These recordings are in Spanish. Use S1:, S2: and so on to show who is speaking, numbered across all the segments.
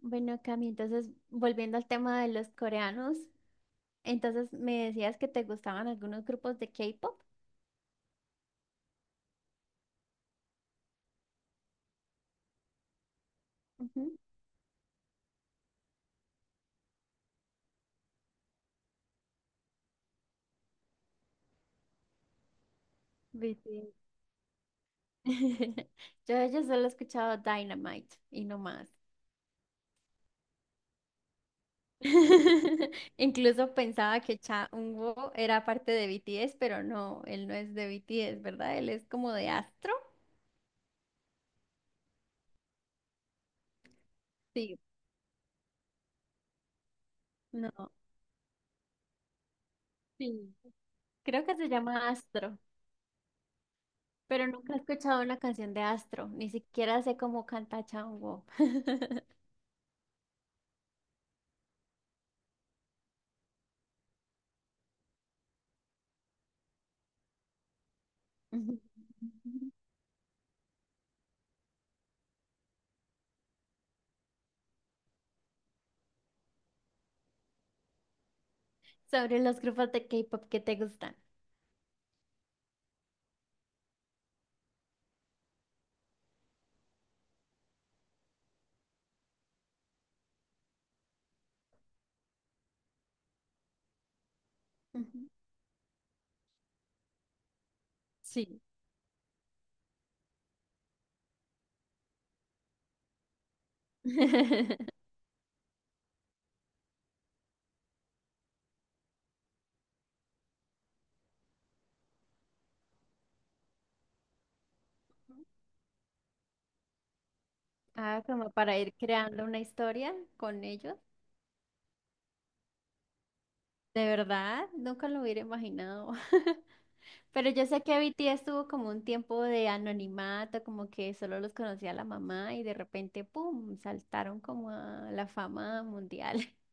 S1: Bueno, Cami, entonces volviendo al tema de los coreanos, entonces me decías que te gustaban algunos grupos de K-pop. Ujú. BTS. Yo, yo de ellos solo he escuchado Dynamite y no más. Incluso pensaba que Cha Eun-woo era parte de BTS, pero no, él no es de BTS, ¿verdad? Él es como de Astro. Sí, no, sí. Creo que se llama Astro, pero nunca he escuchado una canción de Astro, ni siquiera sé cómo canta Cha Eun-woo. Ujú. Sobre los grupos de K-pop que te gustan. Ujú. Sí. Ah, como para ir creando una historia con ellos. De verdad, nunca lo hubiera imaginado. Pero yo sé que BTS tuvo como un tiempo de anonimato, como que solo los conocía la mamá y de repente, ¡pum!, saltaron como a la fama mundial.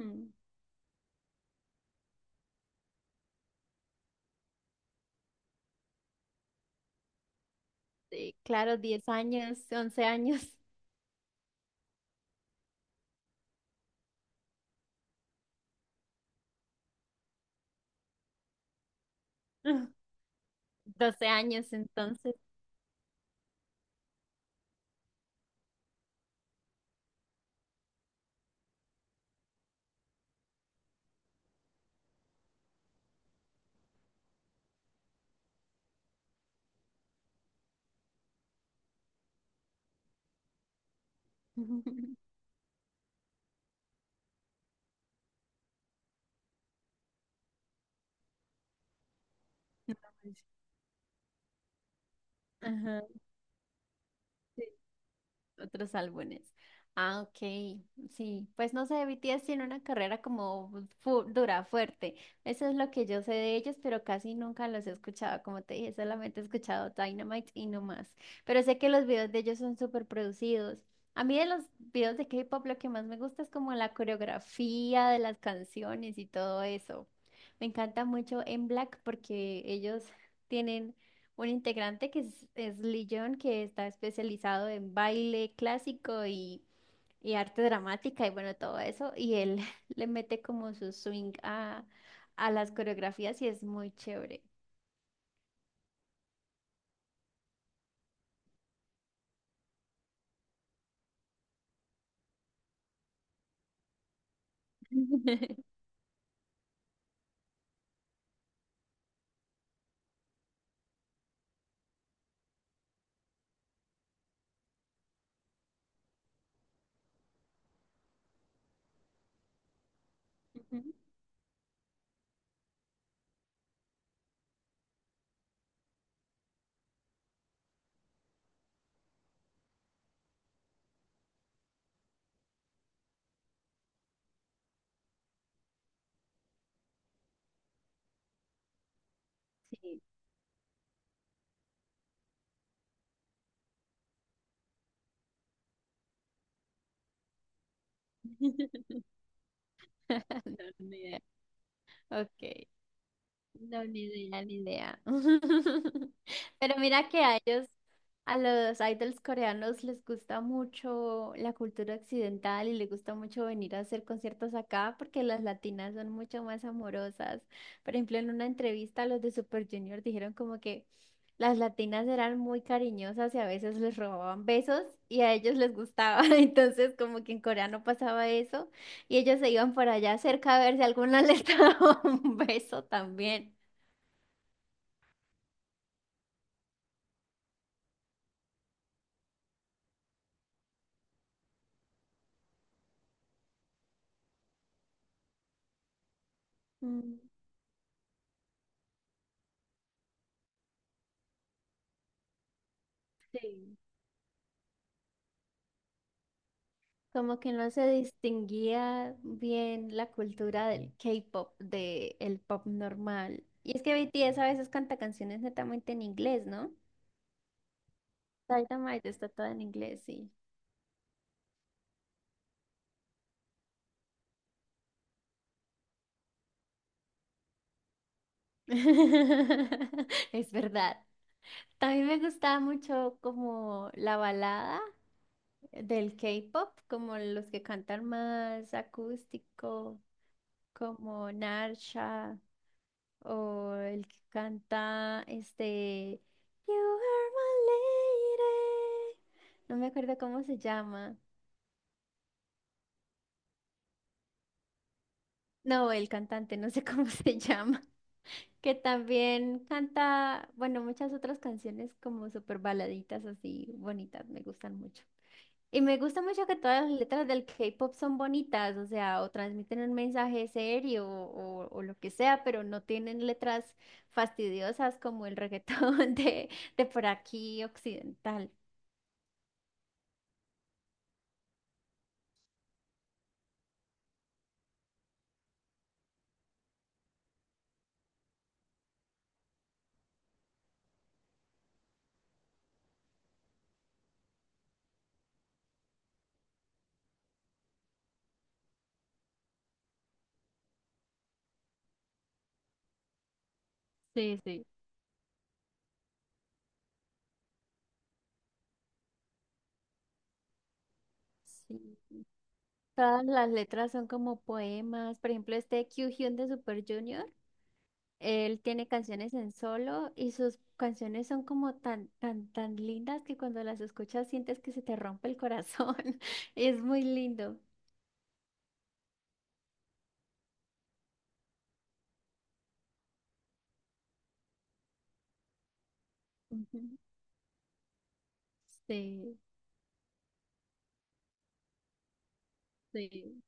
S1: Mm. Sí, claro, diez años, once años, doce años entonces. Ajá. Sí. Otros álbumes. Ah, ok. Sí, pues no sé, BTS tiene una carrera como dura, fuerte. Eso es lo que yo sé de ellos, pero casi nunca los he escuchado. Como te dije, solamente he escuchado Dynamite y no más. Pero sé que los videos de ellos son súper producidos. A mí de los videos de K-pop lo que más me gusta es como la coreografía de las canciones y todo eso. Me encanta mucho en Black porque ellos tienen un integrante que es Lee Jong, que está especializado en baile clásico y arte dramática y bueno, todo eso. Y él le mete como su swing a las coreografías y es muy chévere. Ujú. Sí. No, ni idea. Ok. No, ni idea, ni idea. Pero mira que a ellos, a los idols coreanos les gusta mucho la cultura occidental y les gusta mucho venir a hacer conciertos acá porque las latinas son mucho más amorosas. Por ejemplo, en una entrevista los de Super Junior dijeron como que las latinas eran muy cariñosas y a veces les robaban besos y a ellos les gustaba. Entonces, como que en Corea no pasaba eso y ellos se iban por allá cerca a ver si alguna les daba un beso también. Mm. Sí. Como que no se distinguía bien la cultura del K-pop, del pop normal. Y es que BTS a veces canta canciones netamente en inglés, ¿no? Dynamite está toda en inglés, sí. Es verdad. También me gustaba mucho como la balada del K-pop, como los que cantan más acústico, como Narsha. O el que canta este You are my lady. No me acuerdo cómo se llama. No, el cantante, no sé cómo se llama. Que también canta, bueno, muchas otras canciones como súper baladitas así bonitas, me gustan mucho. Y me gusta mucho que todas las letras del K-pop son bonitas, o sea, o transmiten un mensaje serio o lo que sea, pero no tienen letras fastidiosas como el reggaetón de por aquí occidental. Sí, sí. Sí. Todas las letras son como poemas. Por ejemplo, este Kyuhyun de Super Junior, él tiene canciones en solo y sus canciones son como tan, tan, tan lindas que cuando las escuchas sientes que se te rompe el corazón. Es muy lindo. Ujú. Sí, sí.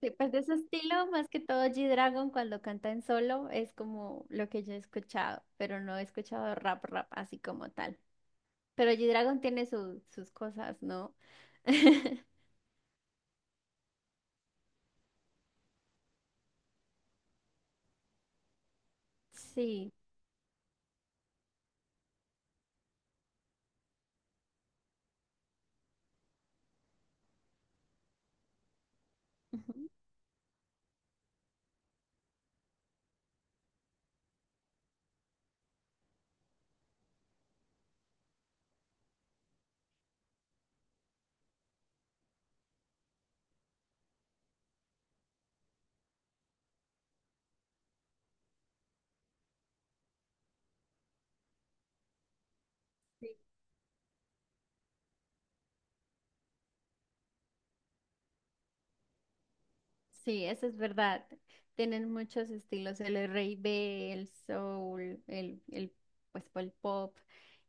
S1: Sí, pues de ese estilo, más que todo G-Dragon cuando canta en solo, es como lo que yo he escuchado, pero no he escuchado rap rap así como tal. Pero G-Dragon tiene sus cosas, ¿no? Sí. Ujú. Sí, eso es verdad. Tienen muchos estilos, el R&B, el soul, pues, el pop,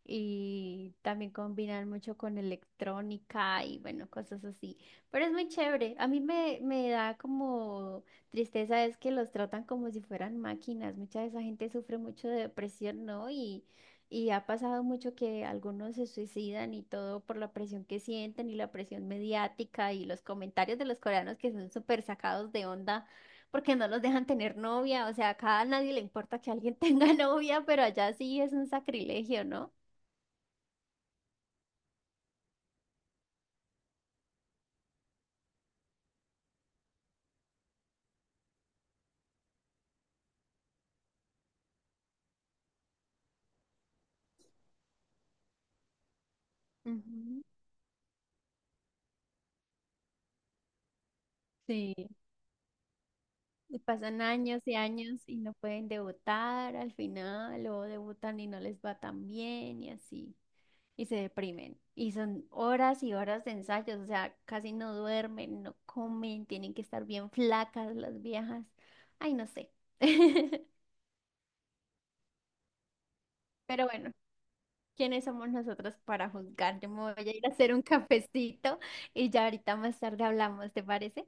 S1: y también combinan mucho con electrónica y bueno, cosas así. Pero es muy chévere. A me da como tristeza es que los tratan como si fueran máquinas. Mucha de esa gente sufre mucho de depresión, ¿no? Y ha pasado mucho que algunos se suicidan y todo por la presión que sienten y la presión mediática y los comentarios de los coreanos que son súper sacados de onda porque no los dejan tener novia. O sea, acá a nadie le importa que alguien tenga novia, pero allá sí es un sacrilegio, ¿no? Ujú. Sí, y pasan años y años y no pueden debutar al final o debutan y no les va tan bien y así, y se deprimen. Y son horas y horas de ensayos, o sea, casi no duermen, no comen, tienen que estar bien flacas las viejas. Ay, no sé. Pero bueno, ¿quiénes somos nosotros para juzgar? Yo me voy a ir a hacer un cafecito y ya ahorita más tarde hablamos, ¿te parece?